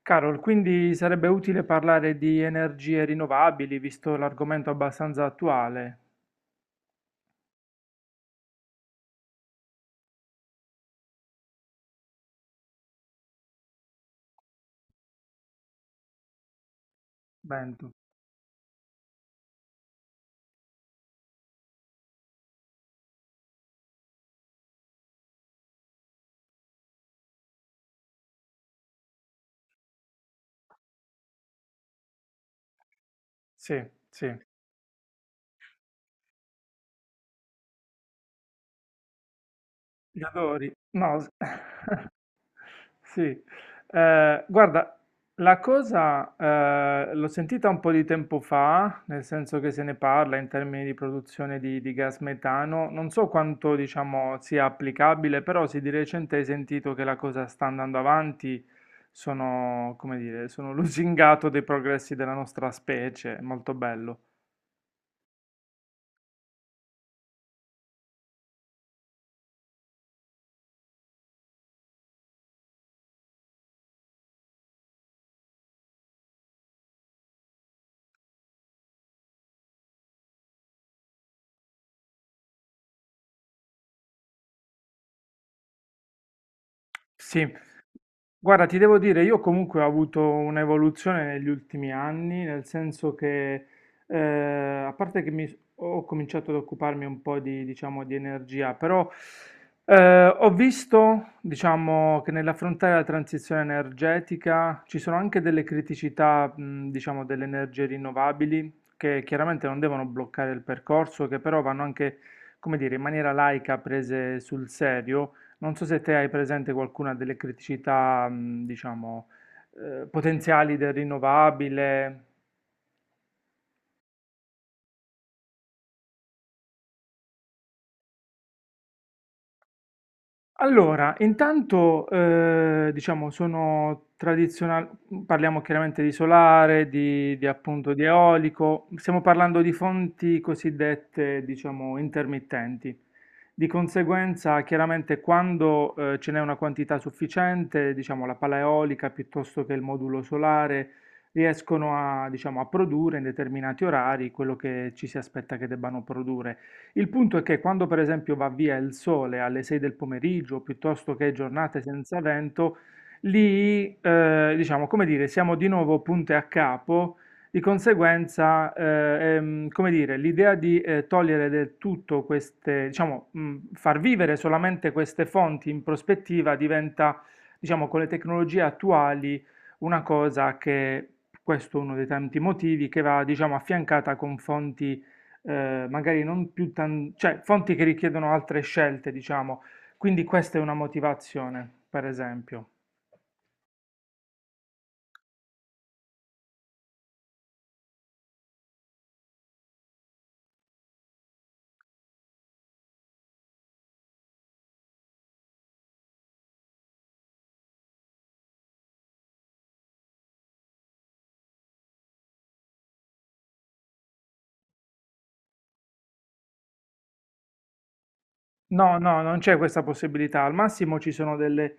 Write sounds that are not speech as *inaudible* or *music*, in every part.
Carol, quindi sarebbe utile parlare di energie rinnovabili, visto l'argomento abbastanza attuale. Bento. Sì, sì. Li adori. No, *laughs* sì. Guarda, la cosa l'ho sentita un po' di tempo fa, nel senso che se ne parla in termini di produzione di gas metano. Non so quanto, diciamo, sia applicabile, però sì, di recente hai sentito che la cosa sta andando avanti. Sono, come dire, sono *laughs* lusingato dei progressi della nostra specie, molto bello. Sì. Guarda, ti devo dire, io comunque ho avuto un'evoluzione negli ultimi anni, nel senso che, eh, a parte che ho cominciato ad occuparmi un po' di, diciamo, di energia, però ho visto, diciamo, che nell'affrontare la transizione energetica ci sono anche delle criticità, diciamo, delle energie rinnovabili, che chiaramente non devono bloccare il percorso, che però vanno anche, come dire, in maniera laica prese sul serio. Non so se te hai presente qualcuna delle criticità, diciamo, potenziali del rinnovabile. Allora, intanto diciamo sono tradizionali, parliamo chiaramente di solare, di appunto di eolico, stiamo parlando di fonti cosiddette diciamo intermittenti. Di conseguenza, chiaramente quando ce n'è una quantità sufficiente, diciamo la pala eolica piuttosto che il modulo solare riescono a, diciamo, a produrre in determinati orari quello che ci si aspetta che debbano produrre. Il punto è che quando per esempio va via il sole alle 6 del pomeriggio, piuttosto che giornate senza vento, lì, diciamo, come dire, siamo di nuovo punte a capo, di conseguenza, come dire, l'idea di togliere del tutto queste, diciamo, far vivere solamente queste fonti in prospettiva diventa, diciamo, con le tecnologie attuali una cosa che, questo è uno dei tanti motivi, che va, diciamo, affiancata con fonti magari non più cioè fonti che richiedono altre scelte, diciamo. Quindi questa è una motivazione, per esempio. No, no, non c'è questa possibilità. Al massimo ci sono delle,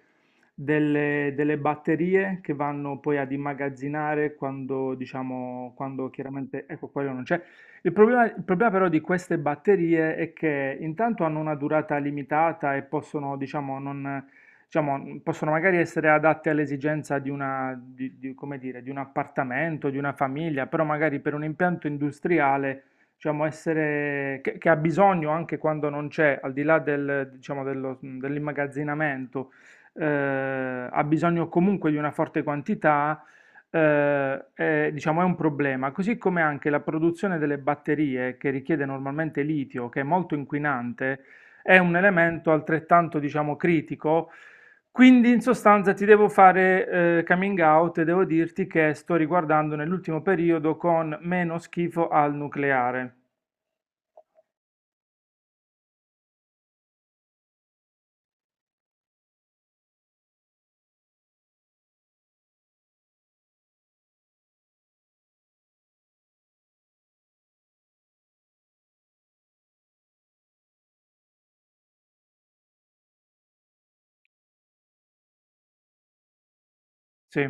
delle batterie che vanno poi ad immagazzinare quando, diciamo, quando chiaramente, ecco, quello non c'è. Il problema però di queste batterie è che intanto hanno una durata limitata e possono, diciamo, non, diciamo, possono magari essere adatte all'esigenza di una, come dire, di un appartamento, di una famiglia, però magari per un impianto industriale diciamo, essere, che ha bisogno anche quando non c'è, al di là del, diciamo, dell'immagazzinamento, eh, ha bisogno comunque di una forte quantità, è, diciamo, è un problema. Così come anche la produzione delle batterie, che richiede normalmente litio, che è molto inquinante, è un elemento altrettanto, diciamo, critico. Quindi in sostanza ti devo fare coming out e devo dirti che sto riguardando nell'ultimo periodo con meno schifo al nucleare. Sì.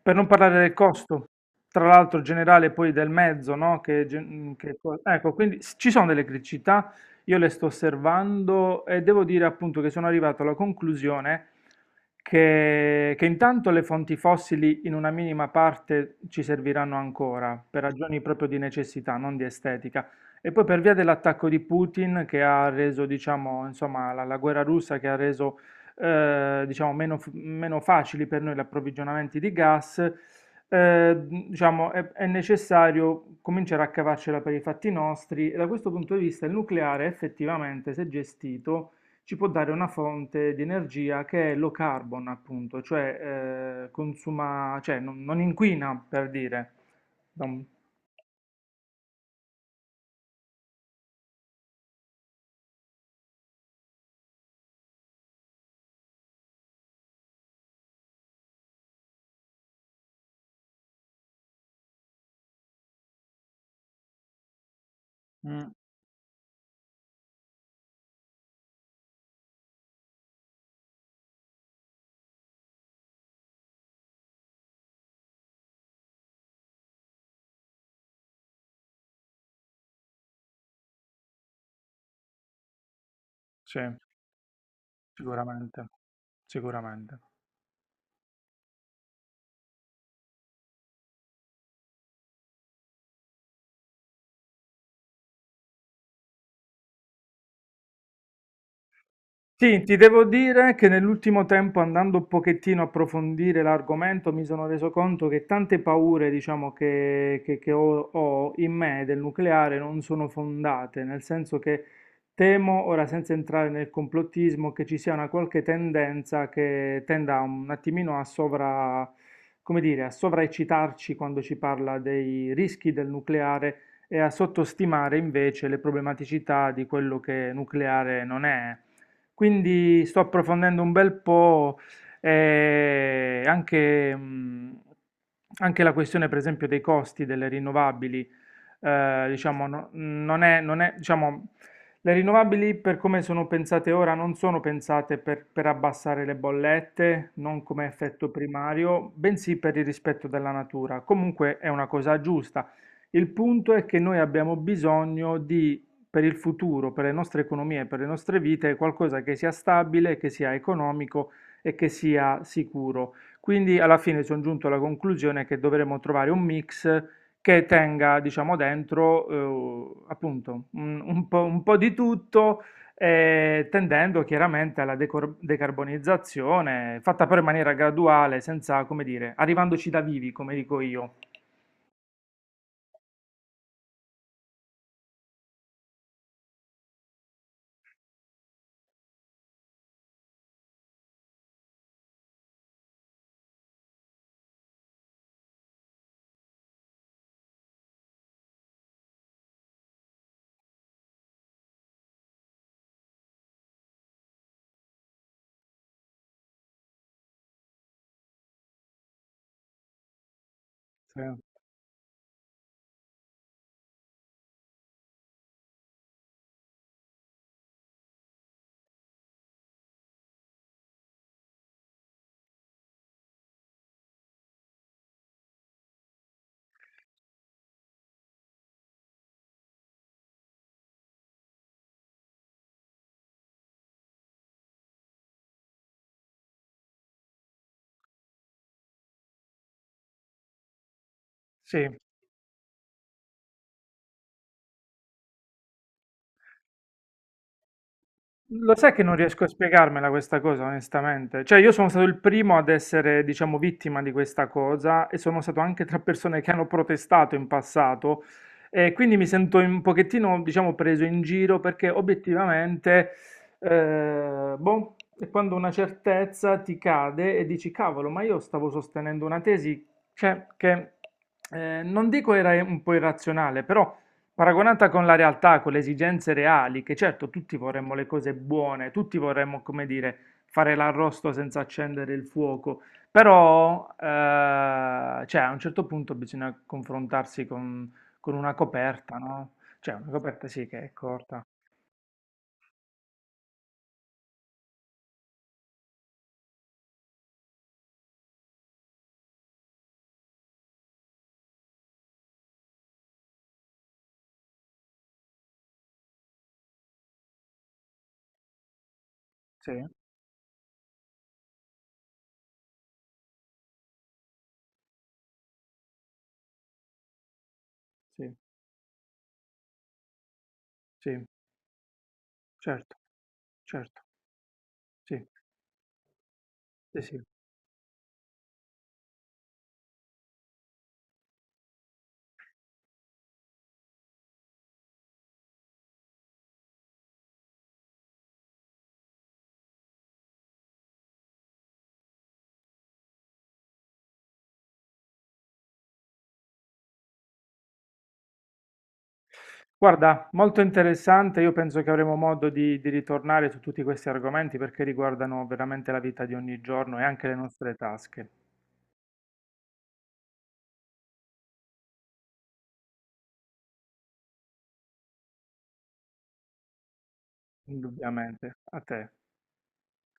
Per non parlare del costo, tra l'altro generale poi del mezzo, no? Che, gen- che co- ecco, quindi ci sono delle criticità, io le sto osservando e devo dire appunto che sono arrivato alla conclusione che intanto le fonti fossili in una minima parte ci serviranno ancora, per ragioni proprio di necessità, non di estetica. E poi per via dell'attacco di Putin che ha reso, diciamo, insomma, la guerra russa che ha reso diciamo meno, meno facili per noi gli approvvigionamenti di gas, diciamo è necessario cominciare a cavarcela per i fatti nostri, e da questo punto di vista il nucleare effettivamente, se gestito, ci può dare una fonte di energia che è low carbon, appunto, cioè, consuma, cioè non inquina, per dire. Da un- Mm, sì, sicuramente, sicuramente. Sì, ti devo dire che nell'ultimo tempo, andando un pochettino a approfondire l'argomento, mi sono reso conto che tante paure, diciamo, che ho, ho in me del nucleare non sono fondate, nel senso che temo, ora senza entrare nel complottismo, che ci sia una qualche tendenza che tenda un attimino a come dire, a sovraeccitarci quando ci parla dei rischi del nucleare e a sottostimare invece le problematicità di quello che nucleare non è. Quindi sto approfondendo un bel po' eh, anche, mh, anche la questione, per esempio, dei costi delle rinnovabili. Diciamo, non è, diciamo, le rinnovabili, per come sono pensate ora, non sono pensate per abbassare le bollette, non come effetto primario, bensì per il rispetto della natura. Comunque è una cosa giusta. Il punto è che noi abbiamo bisogno di, per il futuro, per le nostre economie e per le nostre vite, è qualcosa che sia stabile, che sia economico e che sia sicuro. Quindi alla fine sono giunto alla conclusione che dovremo trovare un mix che tenga, diciamo, dentro appunto un po' di tutto, tendendo chiaramente alla decarbonizzazione, fatta però in maniera graduale, senza, come dire, arrivandoci da vivi, come dico io. Sì. Sì. Lo sai che non riesco a spiegarmela questa cosa, onestamente. Cioè, io sono stato il primo ad essere, diciamo, vittima di questa cosa e sono stato anche tra persone che hanno protestato in passato, e quindi mi sento un pochettino, diciamo, preso in giro, perché obiettivamente, boh, è quando una certezza ti cade e dici, cavolo, ma io stavo sostenendo una tesi, cioè, che non dico era un po' irrazionale, però. Paragonata con la realtà, con le esigenze reali, che certo tutti vorremmo le cose buone, tutti vorremmo, come dire, fare l'arrosto senza accendere il fuoco, però cioè, a un certo punto bisogna confrontarsi con una coperta, no? Cioè una coperta sì che è corta, sì, sì, sì, certo, certo, sì, sì, sì. Guarda, molto interessante, io penso che avremo modo di ritornare su tutti questi argomenti, perché riguardano veramente la vita di ogni giorno e anche le nostre tasche, indubbiamente. A te.